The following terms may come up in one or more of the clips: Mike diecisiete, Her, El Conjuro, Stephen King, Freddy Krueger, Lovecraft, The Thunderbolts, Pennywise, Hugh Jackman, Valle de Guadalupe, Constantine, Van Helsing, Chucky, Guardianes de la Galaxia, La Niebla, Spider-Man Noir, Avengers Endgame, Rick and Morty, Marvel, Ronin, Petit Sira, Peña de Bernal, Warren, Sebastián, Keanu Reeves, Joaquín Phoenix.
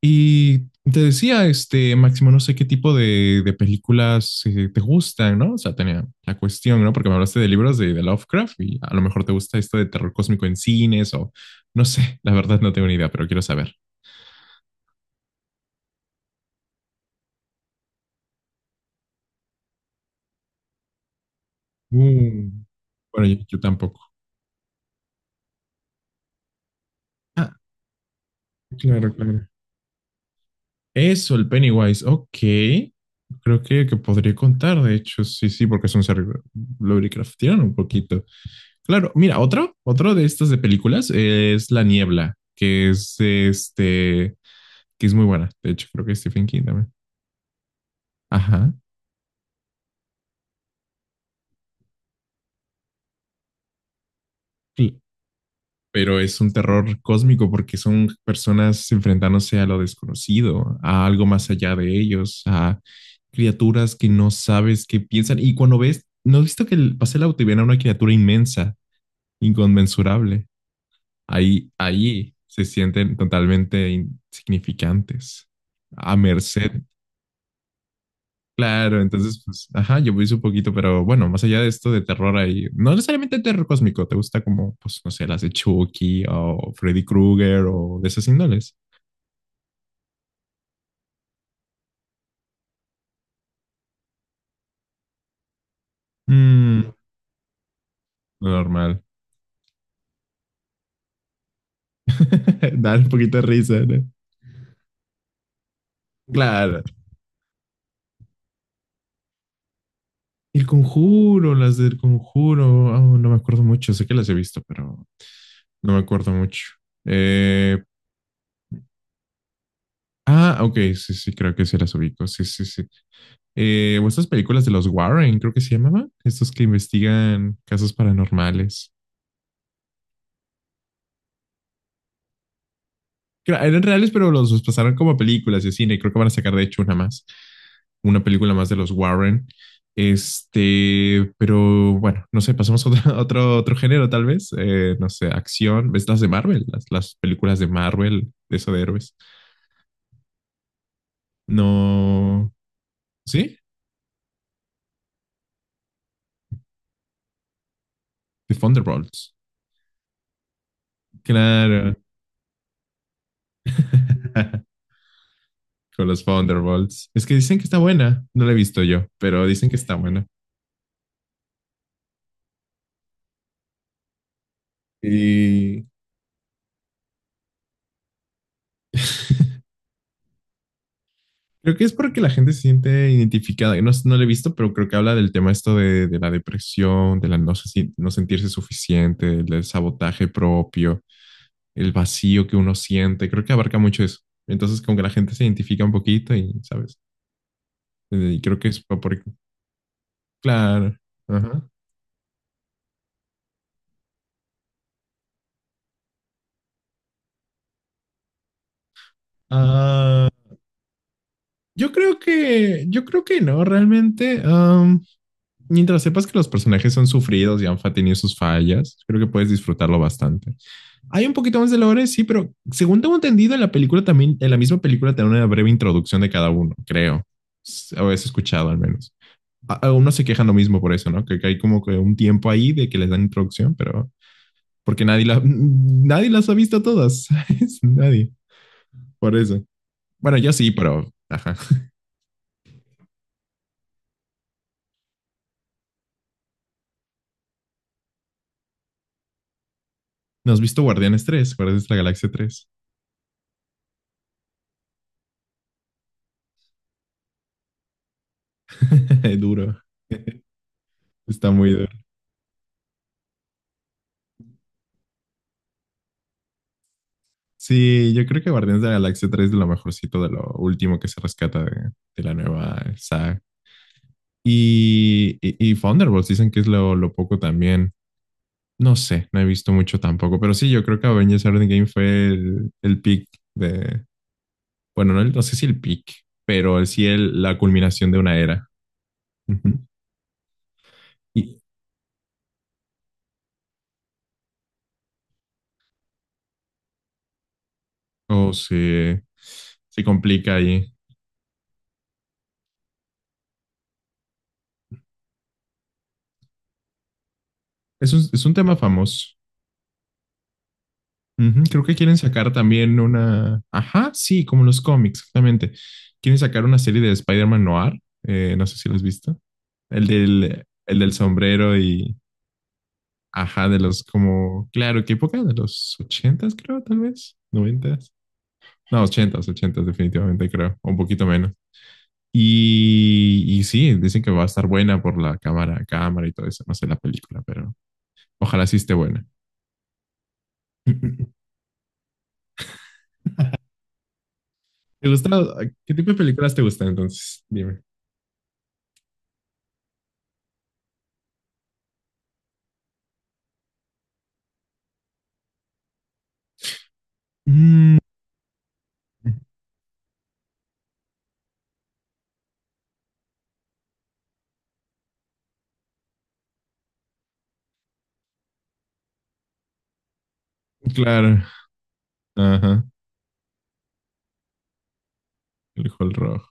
Y te decía, Máximo, no sé qué tipo de películas te gustan, ¿no? O sea, tenía la cuestión, ¿no? Porque me hablaste de libros de Lovecraft y a lo mejor te gusta esto de terror cósmico en cines o no sé, la verdad no tengo ni idea, pero quiero saber. Uh, bueno, yo tampoco. Ah, claro, claro. Eso, el Pennywise. Ok. Creo que podría contar, de hecho, sí, sí, porque es un ser Lovecraftiano un poquito. Claro, mira, otro de estas de películas es La Niebla, que es muy buena. De hecho, creo que es Stephen King también. Ajá. Sí. Pero es un terror cósmico porque son personas enfrentándose a lo desconocido, a algo más allá de ellos, a criaturas que no sabes qué piensan. Y cuando ves, no has visto que pasé el auto y ven a una criatura inmensa inconmensurable. Ahí se sienten totalmente insignificantes, a merced. Claro, entonces, pues, ajá, yo puse un poquito, pero bueno, más allá de esto de terror ahí, no necesariamente terror cósmico, ¿te gusta como, pues, no sé, las de Chucky o Freddy Krueger o de esas índoles? Mm, normal. Dar un poquito de risa, ¿no? Claro. El Conjuro, las del Conjuro, oh, no me acuerdo mucho, sé que las he visto, pero no me acuerdo mucho. Eh, Ah, ok, sí, sí, creo que sí las ubico. Sí, sí, sí. O estas películas de los Warren, creo que se llamaban. Estos que investigan casos paranormales. Que eran reales, pero los pasaron como a películas de cine. Creo que van a sacar, de hecho, una más. Una película más de los Warren. Pero bueno, no sé, pasamos a otro, otro género, tal vez. No sé, acción. ¿Ves las de Marvel? Las películas de Marvel, de eso de héroes. No. ¿Sí? The Thunderbolts. Claro. Con los Thunderbolts. Es que dicen que está buena, no la he visto yo, pero dicen que está buena. Y creo que es porque la gente se siente identificada. No, no la he visto, pero creo que habla del tema esto de la depresión, de la no, se si- no sentirse suficiente, del sabotaje propio, el vacío que uno siente. Creo que abarca mucho eso. Entonces, como que la gente se identifica un poquito y, ¿sabes? Y creo que es por... Claro. Ajá. Ah, yo creo que no, realmente. Mientras sepas que los personajes son sufridos y han tenido sus fallas, creo que puedes disfrutarlo bastante. Hay un poquito más de lore, sí, pero según tengo entendido, en la película también, en la misma película te una breve introducción de cada uno, creo. O eso he escuchado al menos. Algunos se quejan lo mismo por eso, ¿no? Que hay como que un tiempo ahí de que les dan introducción, pero porque nadie, nadie las ha visto todas, ¿sabes? Nadie. Por eso. Bueno, yo sí, pero ajá. ¿No has visto Guardianes de la Galaxia tres duro. Está muy duro. Sí, yo creo que Guardianes de la Galaxia 3 es de lo mejorcito, de lo último que se rescata de la nueva saga. Y Thunderbolts dicen que es lo poco también. No sé, no he visto mucho tampoco, pero sí, yo creo que Avengers Endgame fue el peak de, bueno, no, no sé si el peak, pero sí el, la culminación de una era. Ujú. Y, o se, se complica ahí. Es un tema famoso. Ujú, creo que quieren sacar también una. Ajá, sí, como los cómics, exactamente. Quieren sacar una serie de Spider-Man Noir. No sé si lo has visto. El del sombrero y. Ajá, de los como. Claro, ¿qué época? De los ochentas, creo, tal vez. Noventas. No, ochentas, ochentas, definitivamente, creo. O un poquito menos. Y sí, dicen que va a estar buena por la cámara, cámara y todo eso. No sé la película, pero ojalá sí esté buena. ¿Te gusta? ¿Qué tipo de películas te gustan entonces? Dime. Mm, claro. Ajá. Elijo el rojo.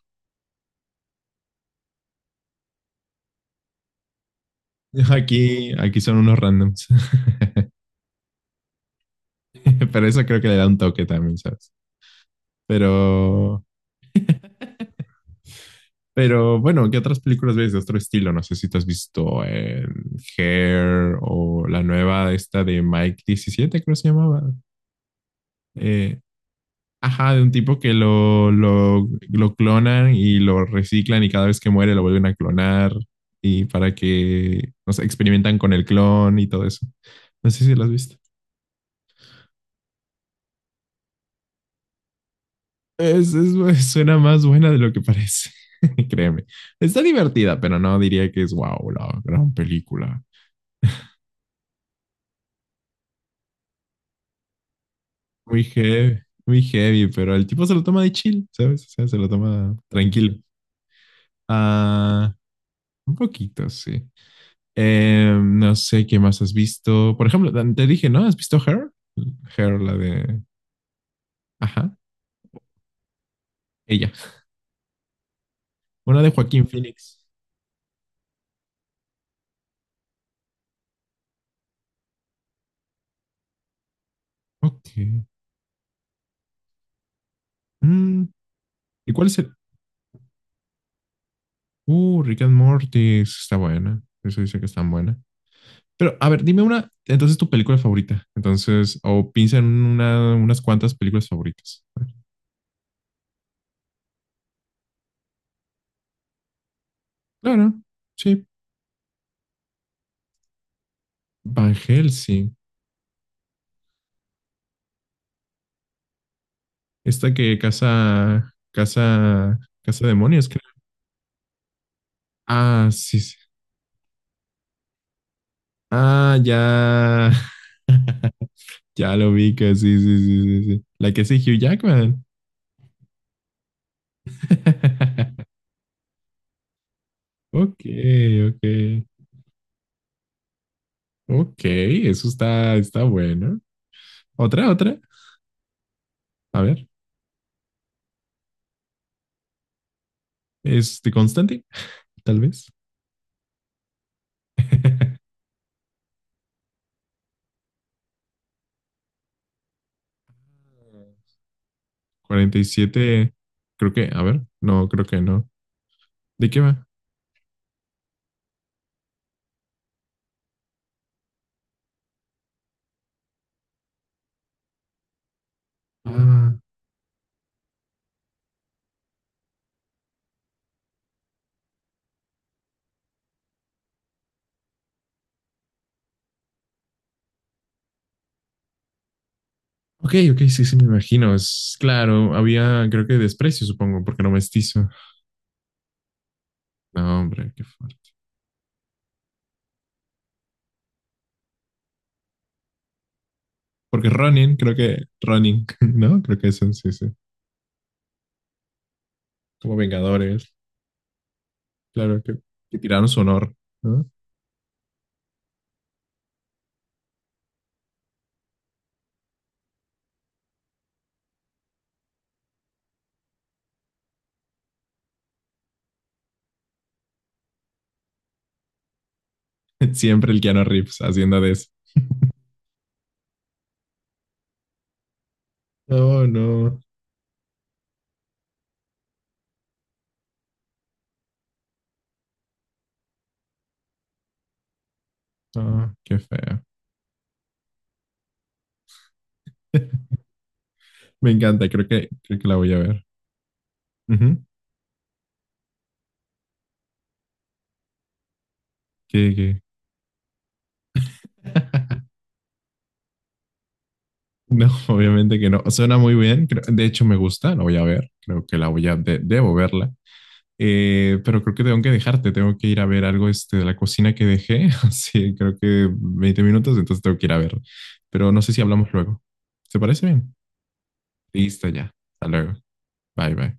Aquí son unos randoms. Pero eso creo que le da un toque también, ¿sabes? Pero, pero bueno, ¿qué otras películas ves de otro estilo? No sé si te has visto Hair o la nueva esta de Mike 17, creo que se llamaba. Eh, Ajá, de un tipo que lo clonan y lo reciclan y cada vez que muere lo vuelven a clonar y para que, no sé, experimentan con el clon y todo eso. No sé si lo has visto. Suena más buena de lo que parece, créeme. Está divertida, pero no diría que es wow, la gran película. Muy heavy, muy heavy, pero el tipo se lo toma de chill, ¿sabes? O sea, se lo toma tranquilo. Ah, un poquito, sí. No sé qué más has visto. Por ejemplo, te dije, ¿no? ¿Has visto Her? Her, la de. Ajá, ella. Una de Joaquín Phoenix. Ok. Mm, ¿y cuál es el? Rick and Morty. Esa está buena. Eso dice que está buena. Pero, a ver, dime una. Entonces, tu película favorita. Entonces, o piensa en una, unas cuantas películas favoritas. Claro, sí. Van Helsing. Esta que casa. Casa. Casa demonios, creo. Ah, sí, sí. Ah, ya. Ya lo vi que sí, sí, sí, sí, sí. La que sí, Hugh Jackman. Ok, ok. Ok, eso está, está bueno. Otra, otra. A ver, Constantine, tal vez. 47, creo que, a ver, no, creo que no. ¿De qué va? Ah, ok, ok, sí, sí, me imagino. Es claro, había, creo que desprecio, supongo, porque no mestizo. No, hombre, qué fuerte. Porque Ronin, creo que Ronin, ¿no? Creo que eso, sí, sí. Como Vengadores, claro, que tiraron su honor, ¿no? Siempre el Keanu Reeves haciendo de eso. Oh, no, no, qué feo. Me encanta, creo que la voy a ver. Ujú. ¿Qué, qué? No, obviamente que no. Suena muy bien. De hecho, me gusta, la voy a ver. Creo que la voy a, debo verla. Pero creo que tengo que dejarte, tengo que ir a ver algo de la cocina que dejé, así creo que 20 minutos, entonces tengo que ir a ver. Pero no sé si hablamos luego. ¿Te parece bien? Listo ya. Hasta luego. Bye, bye.